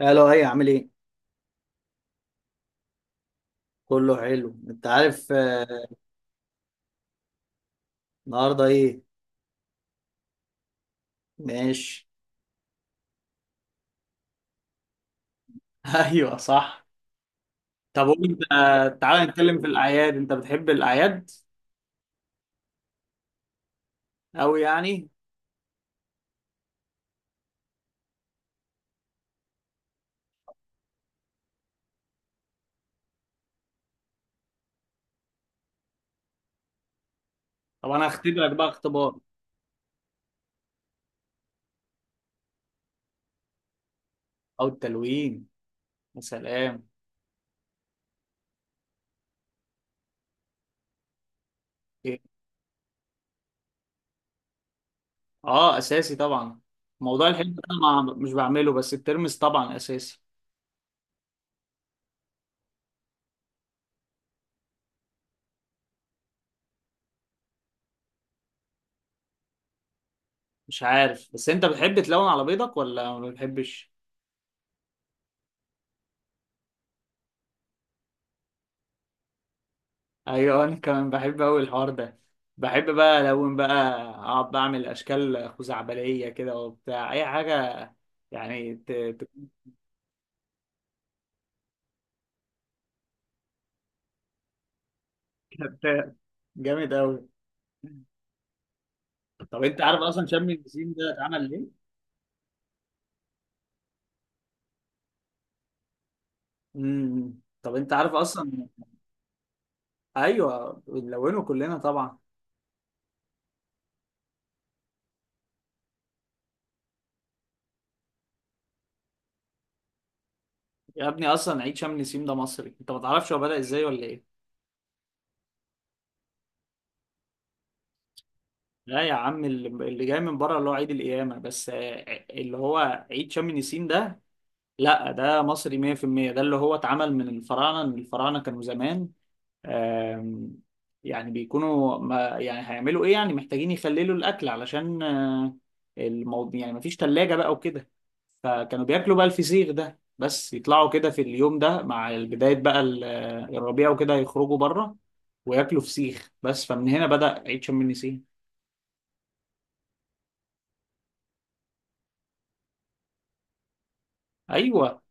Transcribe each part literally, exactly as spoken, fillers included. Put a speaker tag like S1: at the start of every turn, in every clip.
S1: الو، ايه عامل ايه؟ كله حلو انت عارف. آه، النهارده ايه؟ ماشي. ايوه صح. طب وانت، آه، تعالى نتكلم في الاعياد، انت بتحب الاعياد قوي يعني؟ طب انا هختبرك بقى اختبار. او التلوين، يا سلام. إيه؟ اه اساسي طبعا. موضوع الحنة ده ما مش بعمله، بس الترمس طبعا اساسي. مش عارف، بس انت بتحب تلون على بيضك ولا ما بتحبش؟ ايوه انا كمان بحب اوي الحوار ده. بحب بقى الون بقى، اقعد بعمل اشكال خزعبليه كده وبتاع اي حاجه. يعني ت... ت... ت- جامد اوي. طب انت عارف اصلا شم النسيم ده اتعمل ليه؟ امم طب انت عارف اصلا. ايوه بنلونه كلنا طبعا. يا ابني اصلا عيد شم النسيم ده مصري، انت ما تعرفش هو بدأ ازاي ولا ايه؟ لا يا عم، اللي اللي جاي من بره اللي هو عيد القيامه، بس آه، اللي هو عيد شم النسيم ده لا، ده مصري مية في المية. ده اللي هو اتعمل من الفراعنه، ان الفراعنه كانوا زمان آم، يعني بيكونوا، ما يعني هيعملوا ايه، يعني محتاجين يخللوا الاكل علشان آه، الموضوع، يعني مفيش تلاجة بقى وكده. فكانوا بياكلوا بقى الفسيخ ده، بس يطلعوا كده في اليوم ده مع بداية بقى ال- آه، الربيع وكده، يخرجوا بره وياكلوا فسيخ بس، فمن هنا بدأ عيد شم النسيم. ايوه.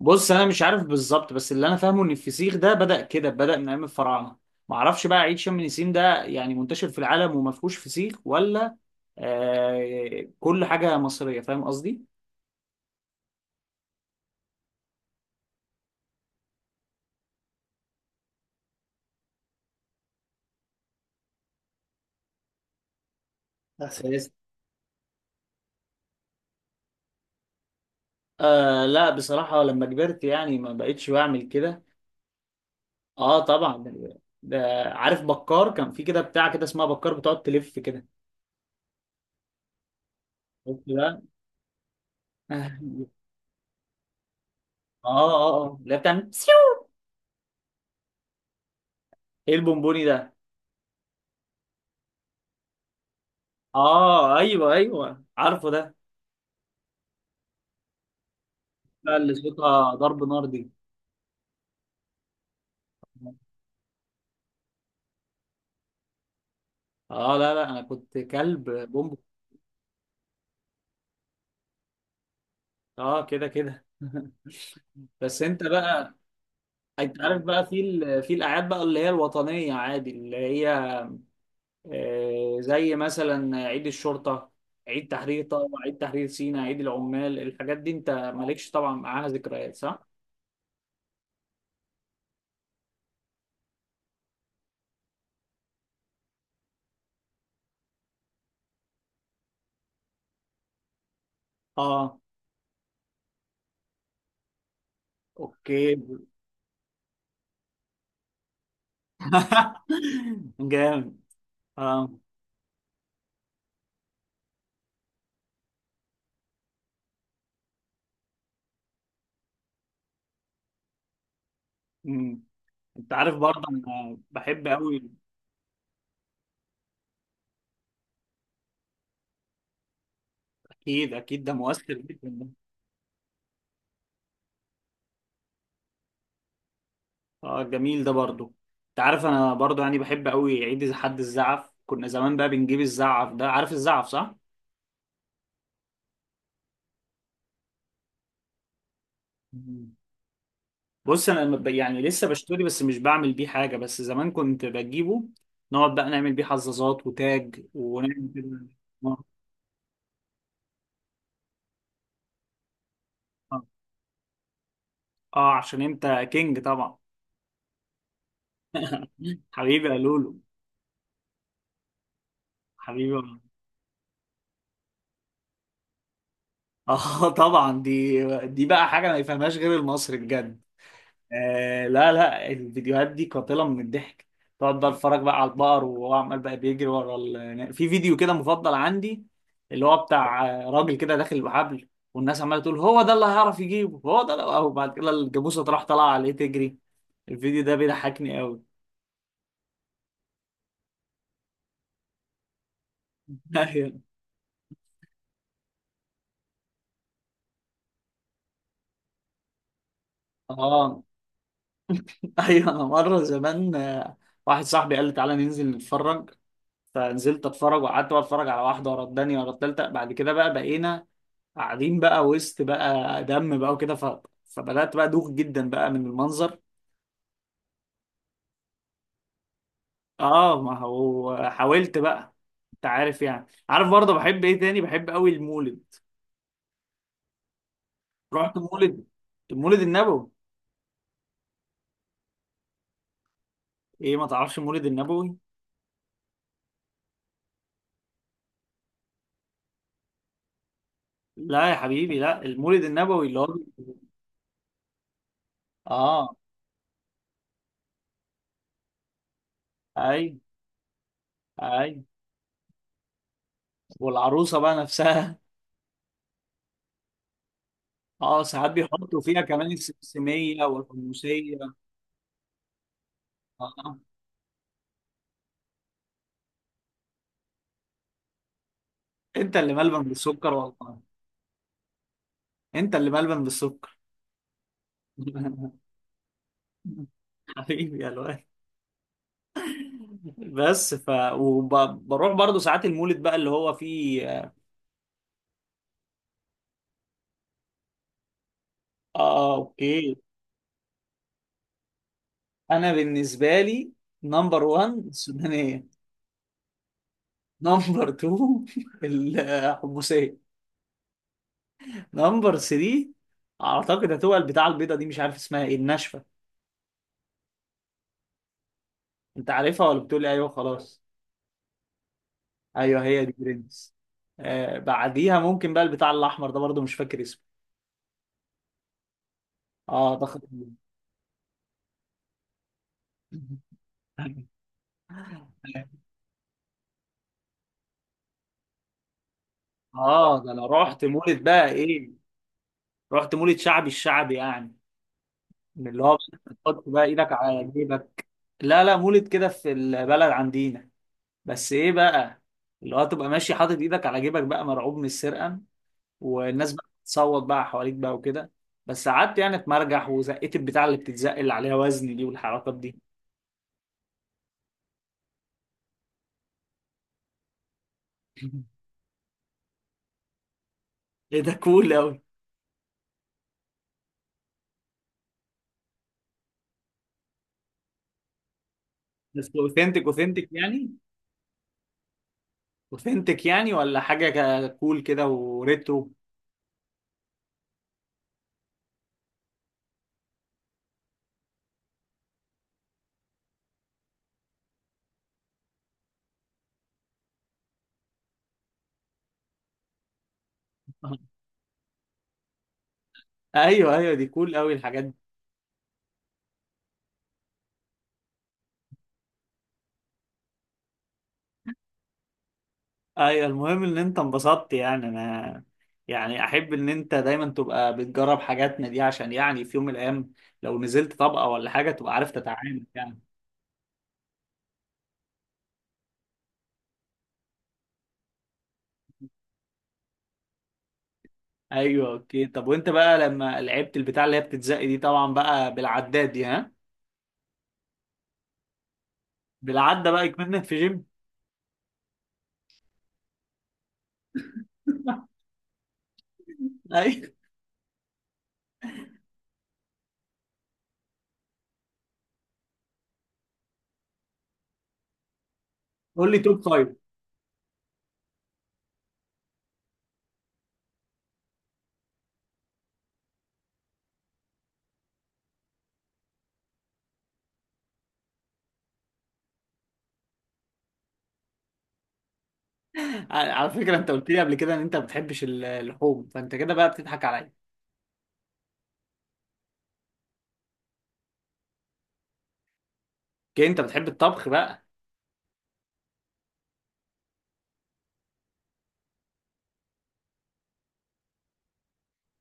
S1: بص انا مش عارف بالظبط، بس اللي انا فاهمه ان الفسيخ ده بدأ كده، بدأ من ايام الفراعنه. ما اعرفش بقى عيد شم النسيم ده يعني منتشر في العالم وما فيهوش فسيخ ولا آه، كل حاجه مصريه، فاهم قصدي؟ أساس. آه لا بصراحه لما كبرت يعني ما بقتش بعمل كده. اه طبعا ده ده عارف بكار، كان في كده بتاع كده اسمها بكار بتقعد تلف كده. شفت بقى. اه. اه اه اللي هي بتعمل ايه البونبوني ده؟ اه ايوه ايوه عارفه ده. لا اللي صوتها ضرب نار دي. اه لا لا، انا كنت كلب بومب. اه كده كده بس انت بقى، انت عارف بقى في ال... في الاعياد بقى اللي هي الوطنيه، عادي اللي هي آه، زي مثلا عيد الشرطه، عيد تحرير، طبعا عيد تحرير سيناء، عيد العمال، الحاجات دي انت مالكش طبعا معاها ذكريات صح؟ اه. اوكي. جامد. اه. أمم. انت عارف برضه انا بحب قوي. اكيد اكيد، ده مؤثر جدا. اه جميل ده برضو. انت عارف انا برضو يعني بحب قوي عيد إذا حد الزعف، كنا زمان بقى بنجيب الزعف ده، عارف الزعف صح؟ مم. بص انا لما ب- يعني لسه بشتري، بس مش بعمل بيه حاجه، بس زمان كنت بجيبه، نقعد بقى نعمل بيه حظاظات وتاج ونعمل كده. اه. آه. آه، عشان انت كينج طبعا. حبيبي يا لولو. حبيبي. اه طبعا دي دي بقى حاجه ما يفهمهاش غير المصري بجد. آه لا لا، الفيديوهات دي قاتلة من الضحك. تقعد بقى اتفرج بقى على البقر وهو عمال بقى بيجري ورا ال... في فيديو كده مفضل عندي، اللي هو بتاع آه، راجل كده داخل بحبل، والناس عمالة تقول هو ده اللي هيعرف يجيبه، هو ده اللي... أو بعد كده الجاموسة تروح طالعة عليه تجري. الفيديو ده بيضحكني قوي. ايوه. اه ايوه، انا مرة زمان آه، واحد صاحبي قال لي تعالى ننزل نتفرج، فنزلت اتفرج، وقعدت بقى اتفرج على واحدة ورا التانية ورا التالتة، بعد كده بقى بقينا قاعدين بقى وسط بقى دم بقى وكده، ف... فبدأت بقى دوخ جدا بقى من المنظر. اه ما هو حاولت بقى. انت عارف يعني، عارف برضه بحب ايه تاني؟ بحب قوي المولد. رحت مولد. المولد النبوي. ايه، ما تعرفش المولد النبوي؟ لا يا حبيبي، لا المولد النبوي اللي هو اه. اي اي. والعروسه بقى نفسها. اه ساعات بيحطوا فيها كمان السمسميه والحموسيه. آه. انت اللي ملبن بالسكر والله. انت اللي ملبن بالسكر. حبيبي يا الواد. بس ف، وبروح برضو ساعات المولد بقى اللي هو فيه اه، آه، اوكي. انا بالنسبه لي نمبر واحد السودانيه، نمبر اتنين الحمصيه، نمبر تلاتة اعتقد هتبقى البتاعه البيضه دي، مش عارف اسمها ايه، الناشفه. انت عارفها ولا بتقول لي ايوه خلاص؟ ايوه هي دي برنس. آه بعديها ممكن بقى البتاع الاحمر ده، برضو مش فاكر اسمه. اه ده خطير. اه ده انا رحت مولد بقى ايه، رحت مولد شعبي، الشعبي يعني، من اللي هو بتحط بقى ايدك على جيبك. لا لا مولد كده في البلد عندنا. بس ايه بقى، اللي هو تبقى ماشي حاطط ايدك على جيبك بقى مرعوب من السرقه، والناس بقى بتصوت بقى حواليك بقى وكده، بس قعدت يعني اتمرجح وزقيت البتاع اللي بتتزق اللي عليها وزن دي، والحركات دي. ايه ده، كول قوي. بس اوثنتك اوثنتك يعني، اوثنتك يعني، ولا حاجه كا- كول كده وريترو. ايوه ايوه، دي كول قوي الحاجات دي. ايوه المهم ان انت انبسطت، يعني انا يعني احب ان انت دايما تبقى بتجرب حاجاتنا دي، عشان يعني في يوم من الايام لو نزلت طبقة ولا حاجة تبقى عارف تتعامل يعني. ايوه اوكي. طب وانت بقى لما لعبت البتاع اللي هي بتتزق دي، طبعا بقى بالعداد دي ها، بالعدة بقى كمان في جيم. ايوه قول لي توب فايف. على على فكرة، انت قلت لي قبل كده ان انت ما بتحبش ال- اللحوم، فانت كده بقى بتضحك عليا. اوكي، انت بتحب الطبخ بقى؟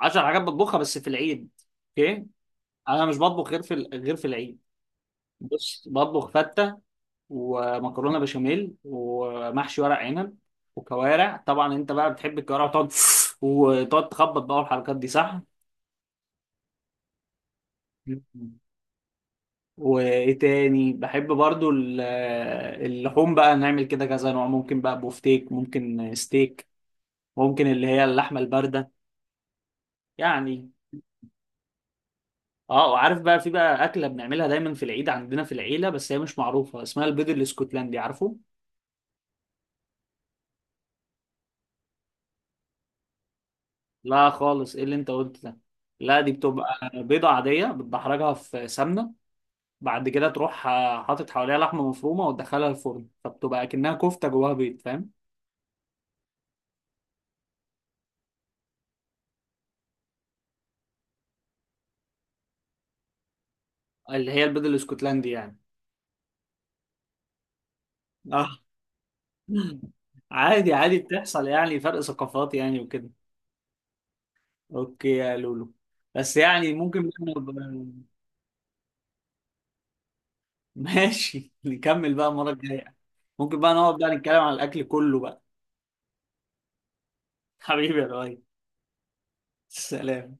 S1: عشر حاجات بتطبخها بس في العيد. اوكي، انا مش بطبخ غير في ال- غير في العيد. بص بطبخ فته ومكرونه بشاميل ومحشي ورق عنب وكوارع، طبعا انت بقى بتحب الكوارع وتقعد، وتقعد تخبط بقى والحركات دي صح. وايه تاني بحب برضو ال- اللحوم بقى، نعمل كده كذا نوع، ممكن بقى بوفتيك ممكن ستيك، ممكن اللي هي اللحمه البارده يعني. اه. وعارف بقى في بقى اكله بنعملها دايما في العيد عندنا في العيله، بس هي مش معروفه، اسمها البيض الاسكتلندي، عارفه؟ لا خالص، ايه اللي انت قلت ده؟ لا دي بتبقى بيضة عادية بتدحرجها في سمنة، بعد كده تروح آه، حاطط حواليها لحمة مفرومة وتدخلها الفرن، فبتبقى كأنها كفتة جواها بيض، فاهم؟ اللي هي البيض الاسكتلندي يعني. اه. عادي عادي، بتحصل يعني، فرق ثقافات يعني وكده. اوكي يا لولو، بس يعني ممكن بقى نبقى- ماشي نكمل بقى المرة الجاية، ممكن بقى نقعد بقى نتكلم عن الأكل كله بقى. حبيبي يا لؤي. سلام.